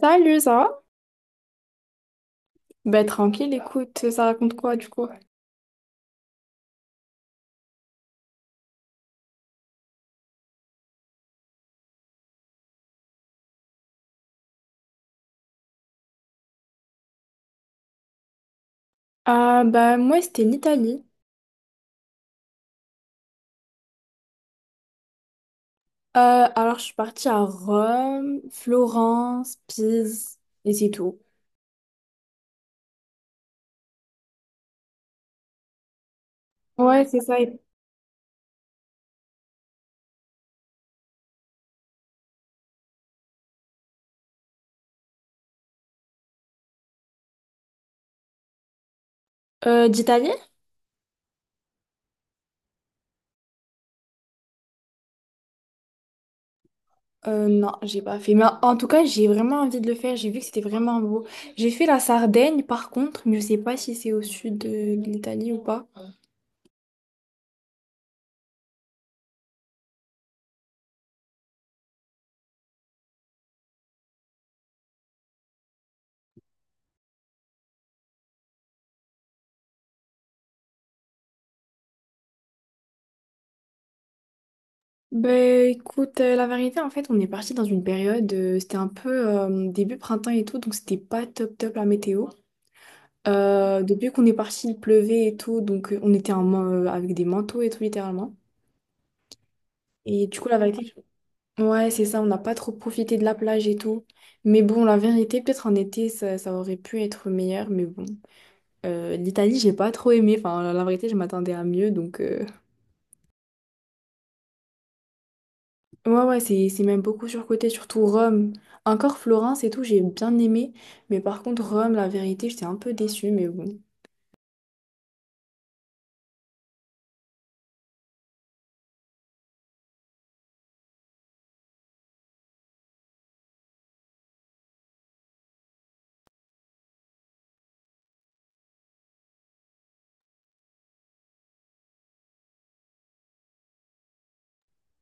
Salut, ça va? Tranquille, écoute, ça raconte quoi du coup? Moi, c'était l'Italie. Alors, je suis partie à Rome, Florence, Pise, et c'est tout. Ouais, c'est ça. d'Italie? Non, j'ai pas fait. Mais en tout cas, j'ai vraiment envie de le faire. J'ai vu que c'était vraiment beau. J'ai fait la Sardaigne, par contre, mais je sais pas si c'est au sud de l'Italie ou pas. Ben écoute, la vérité, en fait, on est parti dans une période, c'était un peu début printemps et tout, donc c'était pas top top la météo. Depuis qu'on est parti, il pleuvait et tout, donc on était avec des manteaux et tout, littéralement. Et du coup, la vérité, ouais, c'est ça, on n'a pas trop profité de la plage et tout. Mais bon, la vérité, peut-être en été, ça aurait pu être meilleur, mais bon. l'Italie, j'ai pas trop aimé, enfin, la vérité, je m'attendais à mieux, donc... Ouais, ouais, c'est même beaucoup surcoté, surtout Rome. Encore Florence et tout, j'ai bien aimé, mais par contre, Rome, la vérité, j'étais un peu déçue, mais bon.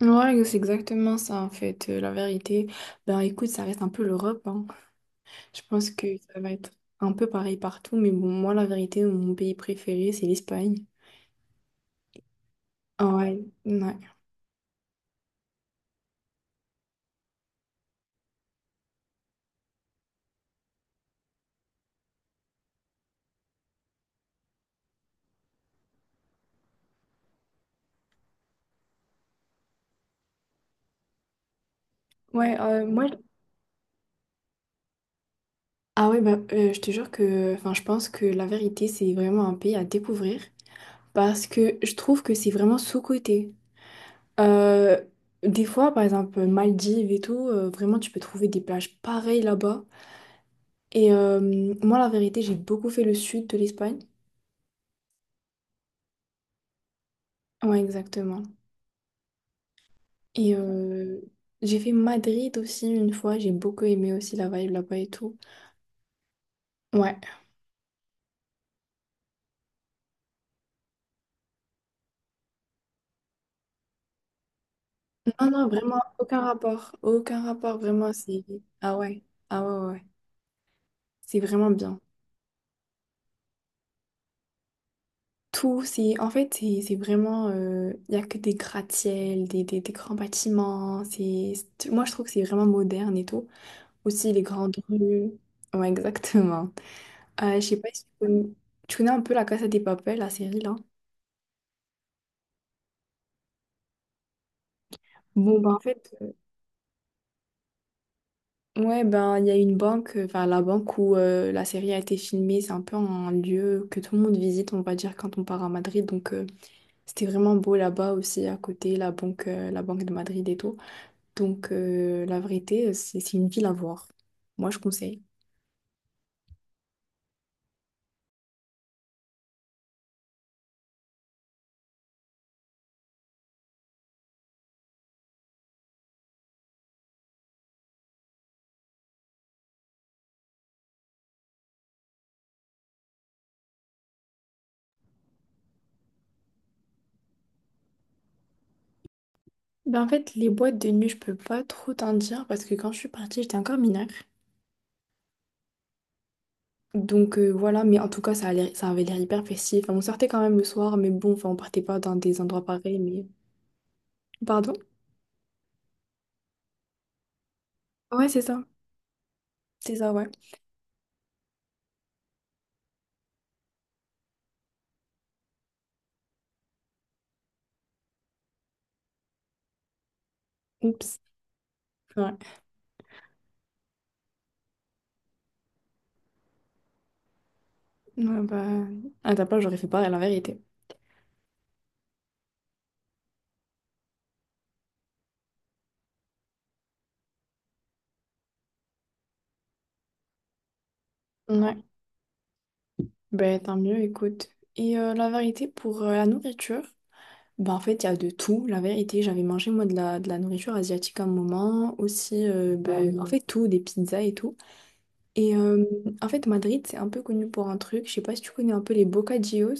Ouais, c'est exactement ça, en fait, la vérité. Ben écoute, ça reste un peu l'Europe, hein. Je pense que ça va être un peu pareil partout, mais bon, moi, la vérité, mon pays préféré, c'est l'Espagne. Ah ouais, ouais. Ouais, moi, ah ouais, bah, je te jure que, enfin, je pense que la vérité, c'est vraiment un pays à découvrir parce que je trouve que c'est vraiment sous-coté. Euh, des fois, par exemple, Maldives et tout, vraiment, tu peux trouver des plages pareilles là-bas. Et moi, la vérité, j'ai beaucoup fait le sud de l'Espagne. Ouais, exactement. Et euh, j'ai fait Madrid aussi une fois, j'ai beaucoup aimé aussi la vibe là-bas et tout. Ouais. Non, non, vraiment, aucun rapport. Aucun rapport, vraiment, c'est... Ah ouais, ah ouais, ouais. Ouais. C'est vraiment bien. Tout, c'est... En fait, c'est vraiment... Il n'y a que des gratte-ciel, des grands bâtiments. C'est... Moi, je trouve que c'est vraiment moderne et tout. Aussi, les grandes rues. Ouais, exactement. Je sais pas si tu connais... Tu connais un peu la Casa des Papel, la série, là? Bon, bah en fait... Ouais, ben il y a une banque, enfin la banque où la série a été filmée, c'est un peu un lieu que tout le monde visite, on va dire, quand on part à Madrid. C'était vraiment beau là-bas aussi, à côté, la banque de Madrid et tout. La vérité, c'est une ville à voir. Moi, je conseille. Ben en fait, les boîtes de nuit, je peux pas trop t'en dire parce que quand je suis partie, j'étais encore mineure. Voilà, mais en tout cas, ça avait l'air hyper festif. Enfin, on sortait quand même le soir, mais bon, enfin, on partait pas dans des endroits pareils, mais... Pardon? Ouais, c'est ça. C'est ça, ouais. Oups. Ouais. Ouais, bah... À ta place, j'aurais fait pareil, la vérité. Ouais. Ben tant mieux, écoute. La vérité, pour la nourriture, ben en fait, il y a de tout. La vérité, j'avais mangé, moi, de la nourriture asiatique à un moment. Aussi, ben, en fait, tout, des pizzas et tout. Et euh, en fait, Madrid, c'est un peu connu pour un truc. Je sais pas si tu connais un peu les bocadillos.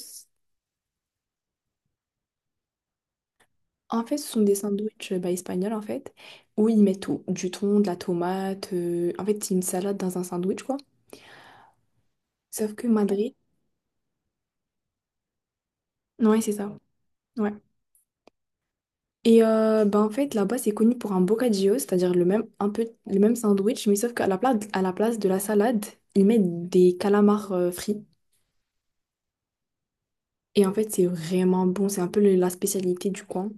En fait, ce sont des sandwichs bah, espagnols, en fait, où ils mettent tout, du thon, de la tomate. En fait, c'est une salade dans un sandwich, quoi. Sauf que Madrid, ouais, c'est ça. Ouais. En fait, là-bas, c'est connu pour un bocadillo, c'est-à-dire le même, un peu, le même sandwich, mais sauf qu'à la place de la salade, ils mettent des calamars frits. Et en fait, c'est vraiment bon. C'est un peu la spécialité du coin.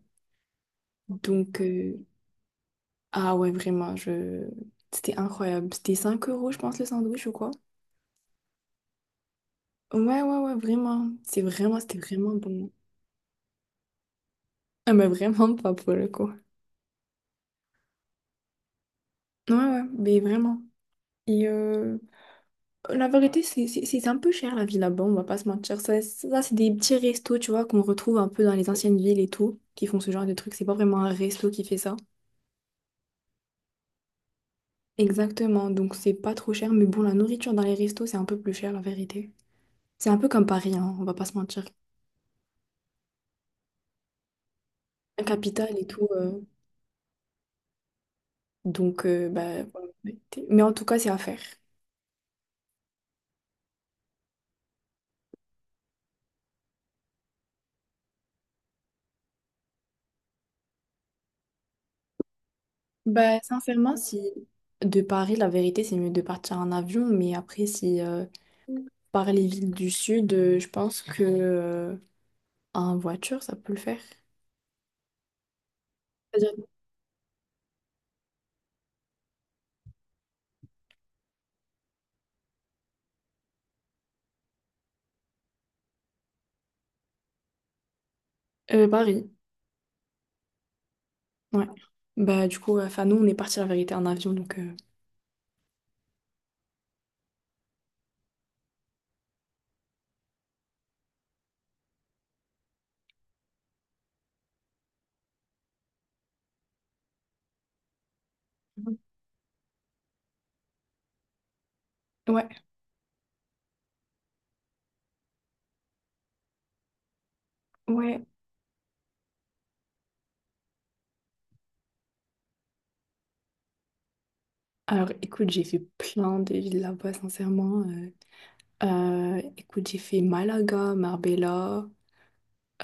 Donc, euh, Ah ouais, vraiment, je... C'était incroyable. C'était 5 euros, je pense, le sandwich ou quoi? Ouais, ouais, ouais, vraiment. C'est vraiment, c'était vraiment bon. Ah mais vraiment pas pour le coup. Ouais, ouais, mais vraiment. Et euh, la vérité, c'est un peu cher la vie là-bas, on va pas se mentir. Ça c'est des petits restos, tu vois, qu'on retrouve un peu dans les anciennes villes et tout, qui font ce genre de trucs. C'est pas vraiment un resto qui fait ça. Exactement, donc c'est pas trop cher. Mais bon, la nourriture dans les restos, c'est un peu plus cher, la vérité. C'est un peu comme Paris, hein, on va pas se mentir. La capitale et tout. Voilà, la vérité. Mais en tout cas, c'est à faire. Bah, sincèrement, si de Paris, la vérité, c'est mieux de partir en avion. Mais après, si par les villes du sud, je pense que en voiture, ça peut le faire. C'est-à-dire Paris, ouais. Bah, du coup, enfin, nous, on est parti la vérité en avion. Ouais, ouais. Alors, écoute, j'ai fait plein de villes là-bas, sincèrement. Écoute, j'ai fait Malaga, Marbella.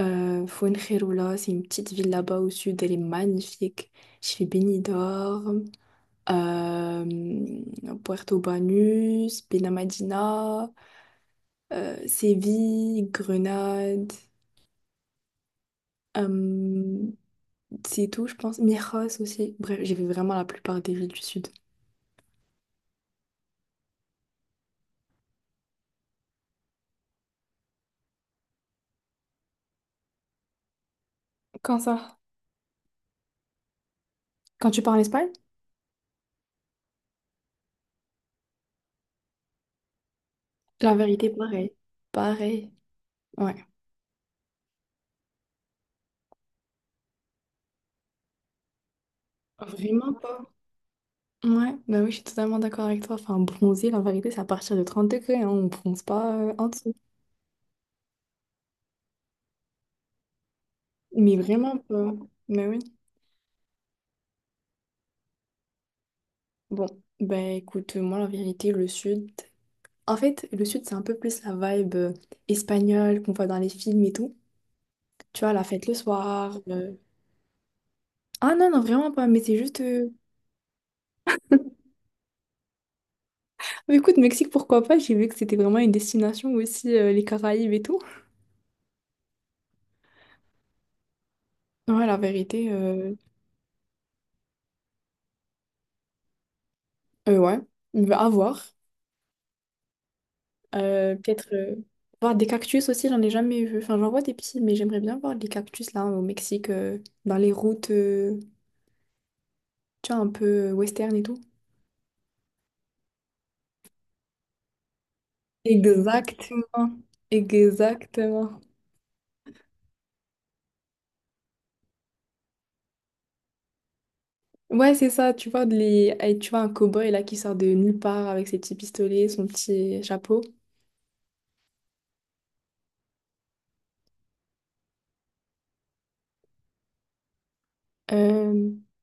Fuengirola, c'est une petite ville là-bas au sud, elle est magnifique. Je fais Benidorm, euh, Puerto Banús, Benamadina, Séville, Grenade, euh, c'est tout, je pense. Mieres aussi. Bref, j'ai vu vraiment la plupart des villes du sud. Quand ça? Quand tu pars en Espagne? La vérité, pareil. Pareil. Ouais. Vraiment pas. Ouais, bah oui, je suis totalement d'accord avec toi. Enfin, bronzer, la vérité, c'est à partir de 30 degrés, hein, on bronze pas en dessous. Mais vraiment pas. Mais oui. Bon, ben écoute, moi la vérité, le sud. En fait, le sud, c'est un peu plus la vibe espagnole qu'on voit dans les films et tout. Tu vois, la fête le soir. Ah non, non, vraiment pas. Mais c'est juste. Mais écoute, Mexique, pourquoi pas? J'ai vu que c'était vraiment une destination aussi, les Caraïbes et tout. Ouais, la vérité, ouais. Bah, à voir. Peut-être voir des cactus aussi, j'en ai jamais vu. Enfin, j'en vois des petits, mais j'aimerais bien voir des cactus là au Mexique, dans les routes. Tu vois, un peu western et tout. Exactement. Exactement. Ouais, c'est ça, tu vois, de les... eh, tu vois un cow-boy là qui sort de nulle part avec ses petits pistolets, son petit chapeau. Euh,